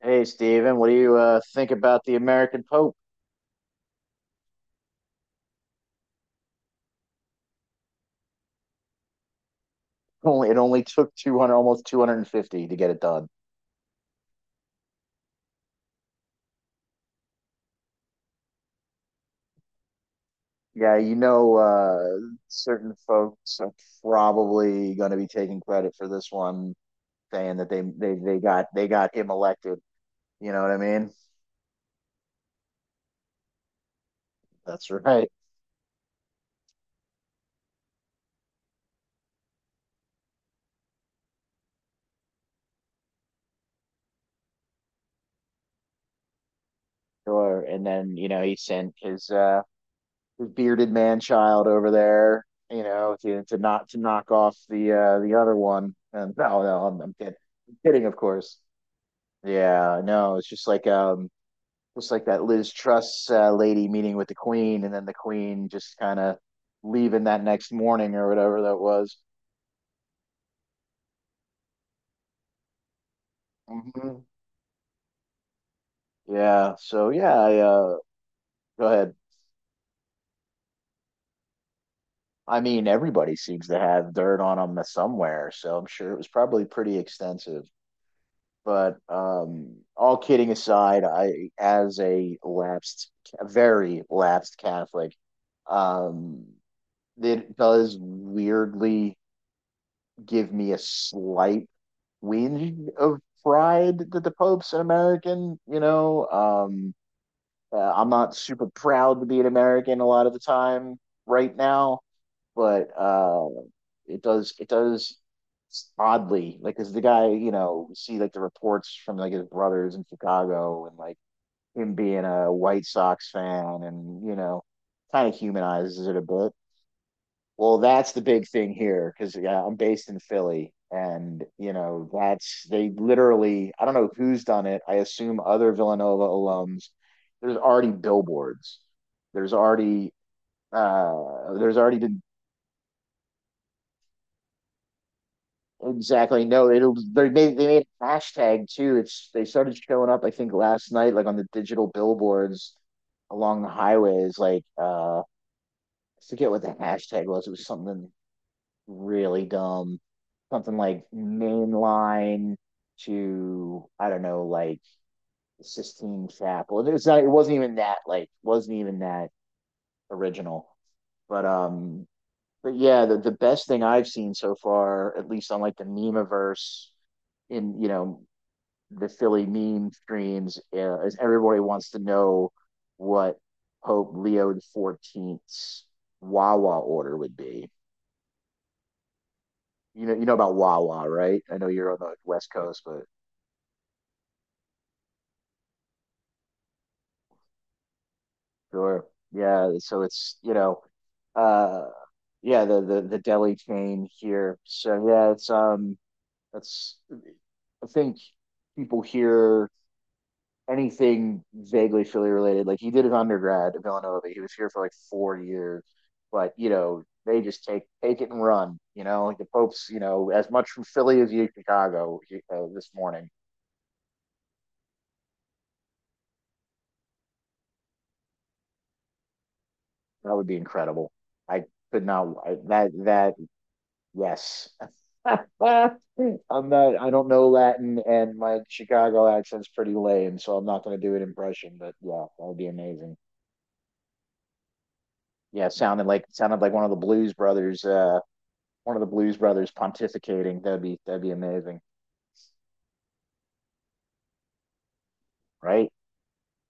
Hey, Steven, what do you think about the American Pope? Only it only took 200, almost 250 to get it done. Yeah, certain folks are probably going to be taking credit for this one, saying that they got him elected. You know what I mean? That's right. Sure. And then, you know, he sent his bearded man child over there, you know, to not to knock off the other one. And no, no, I'm kidding. I'm kidding, of course. Yeah, no, it's just like that Liz Truss lady meeting with the Queen and then the Queen just kind of leaving that next morning or whatever that was. Hmm. Yeah, so yeah, go ahead. I mean, everybody seems to have dirt on them somewhere, so I'm sure it was probably pretty extensive. But all kidding aside, I as a lapsed a very lapsed Catholic, um it does weirdly give me a slight whinge of pride that the Pope's an American. I'm not super proud to be an American a lot of the time right now, but it does oddly like because the guy, you know, we see like the reports from like his brothers in Chicago and, like, him being a White Sox fan, and you know kind of humanizes it a bit. Well, that's the big thing here because, yeah, I'm based in Philly, and you know that's they literally. I don't know who's done it. I assume other Villanova alums. There's already billboards. There's already there's already been exactly no. It'll they made a hashtag too. It's they started showing up. I think last night, like on the digital billboards along the highways. Like I forget what the hashtag was. It was something really dumb. Something like mainline to, I don't know, like Sistine Chapel. It was not. It wasn't even that. Like, wasn't even that original. But um, but yeah, the best thing I've seen so far, at least on like the memeverse in, you know, the Philly meme streams, is everybody wants to know what Pope Leo the 14th's Wawa order would be. You know about Wawa, right? I know you're on the West Coast, but sure. Yeah, so it's, uh yeah, the deli chain here. So yeah, it's that's I think people hear anything vaguely Philly related. Like he did an undergrad at Villanova. He was here for like 4 years, but you know, they just take it and run, you know, like the Pope's, you know, as much from Philly as you Chicago this morning. That would be incredible. I could not I, that that Yes. I don't know Latin and my Chicago accent's pretty lame, so I'm not going to do an impression, but yeah, that would be amazing. Yeah, sounded like one of the Blues Brothers, one of the Blues Brothers pontificating. That'd be amazing, right?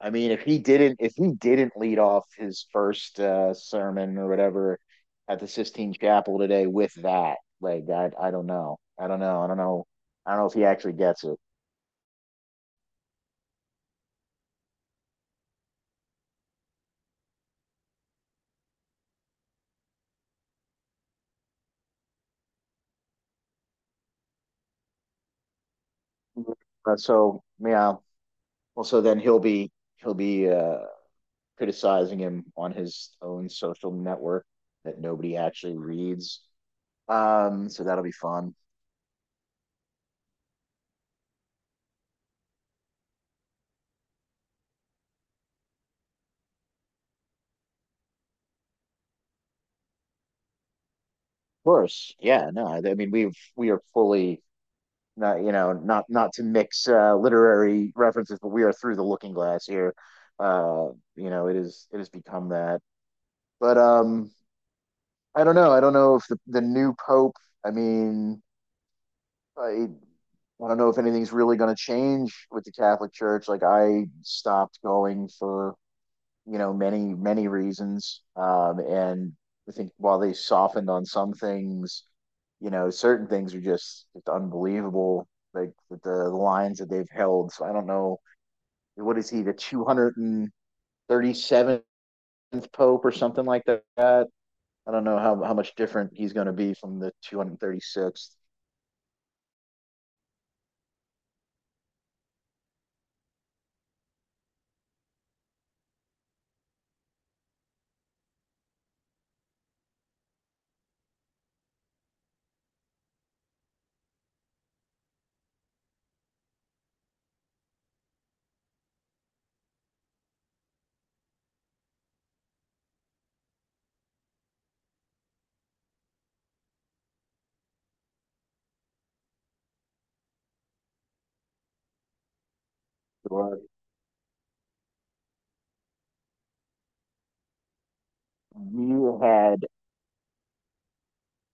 I mean, if he didn't lead off his first sermon or whatever at the Sistine Chapel today with that, like I don't know, I don't know, I don't know, I don't know if he actually gets it. Uh, so yeah, Well, so then he'll be he'll be criticizing him on his own social network that nobody actually reads. So that'll be fun. Of course, yeah. No, I mean we are fully not, you know, not to mix literary references, but we are through the looking glass here. Uh, you know, it has become that. But I don't know. I don't know if the the new pope. I mean, I I don't know if anything's really going to change with the Catholic Church. Like I stopped going for, you know, many reasons, and I think while they softened on some things, you know certain things are just unbelievable. Like with the lines that they've held. So I don't know, what is he, the two hundred and thirty seventh pope or something like that. I don't know how much different he's going to be from the 236th. You had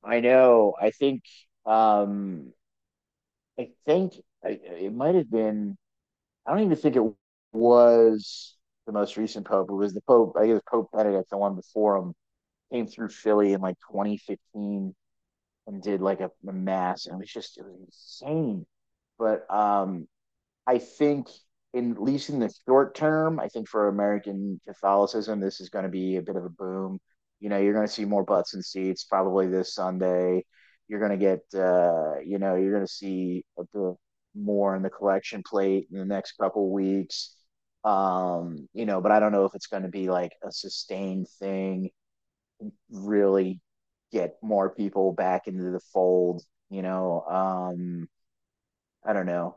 I know. Um I think it might have been I don't even think it was the most recent Pope. It was the Pope, I guess Pope Benedict, the one before him, came through Philly in like 2015 and did like a mass and it was just it was insane. But I think, in at least in the short term, I think for American Catholicism, this is going to be a bit of a boom. You know, you're going to see more butts and seats probably this Sunday. You're going to get, you know, you're going to see a bit more in the collection plate in the next couple weeks. You know, but I don't know if it's going to be like a sustained thing, really get more people back into the fold, you know. I don't know.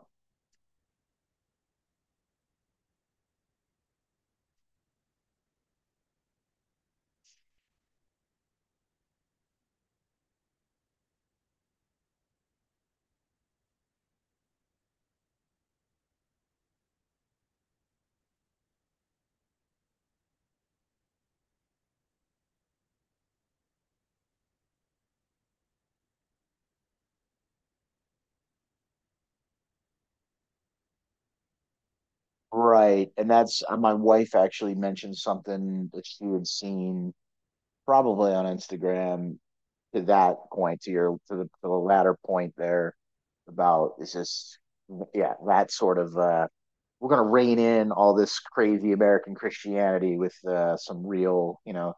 Right. And that's my wife actually mentioned something that she had seen probably on Instagram to that point, to your to the latter point there about it's just yeah, that sort of we're gonna rein in all this crazy American Christianity with some real, you know,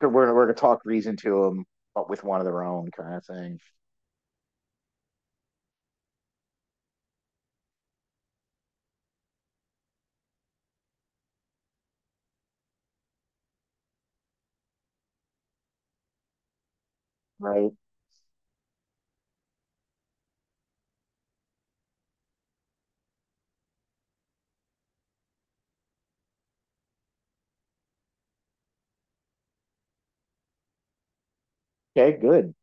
we're gonna talk reason to them, but with one of their own kind of thing. Right. Okay, good.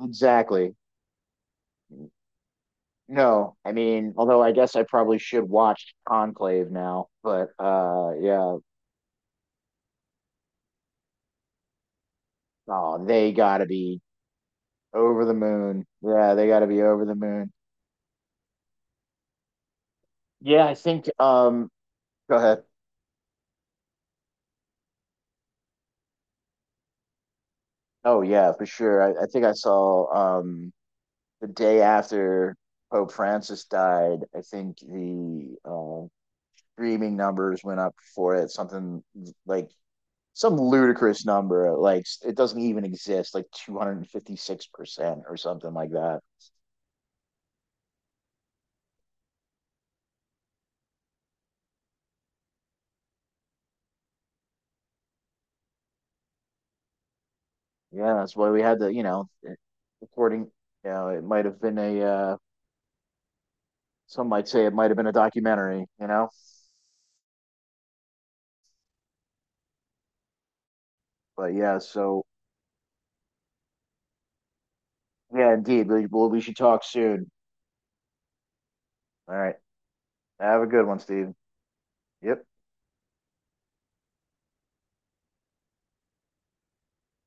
Exactly. No, I mean, although I guess I probably should watch Conclave now, but yeah, oh, they gotta be over the moon. Yeah, they gotta be over the moon. Yeah, I think go ahead. Oh yeah, for sure. I think I saw the day after Pope Francis died, I think the streaming numbers went up for it, something like some ludicrous number, like it doesn't even exist, like 256% or something like that. Yeah, that's why we had the, you know, according, you know, it might have been a, some might say it might have been a documentary, you know? But yeah, so yeah, indeed. Well, we should talk soon. All right. Have a good one, Steve. Yep.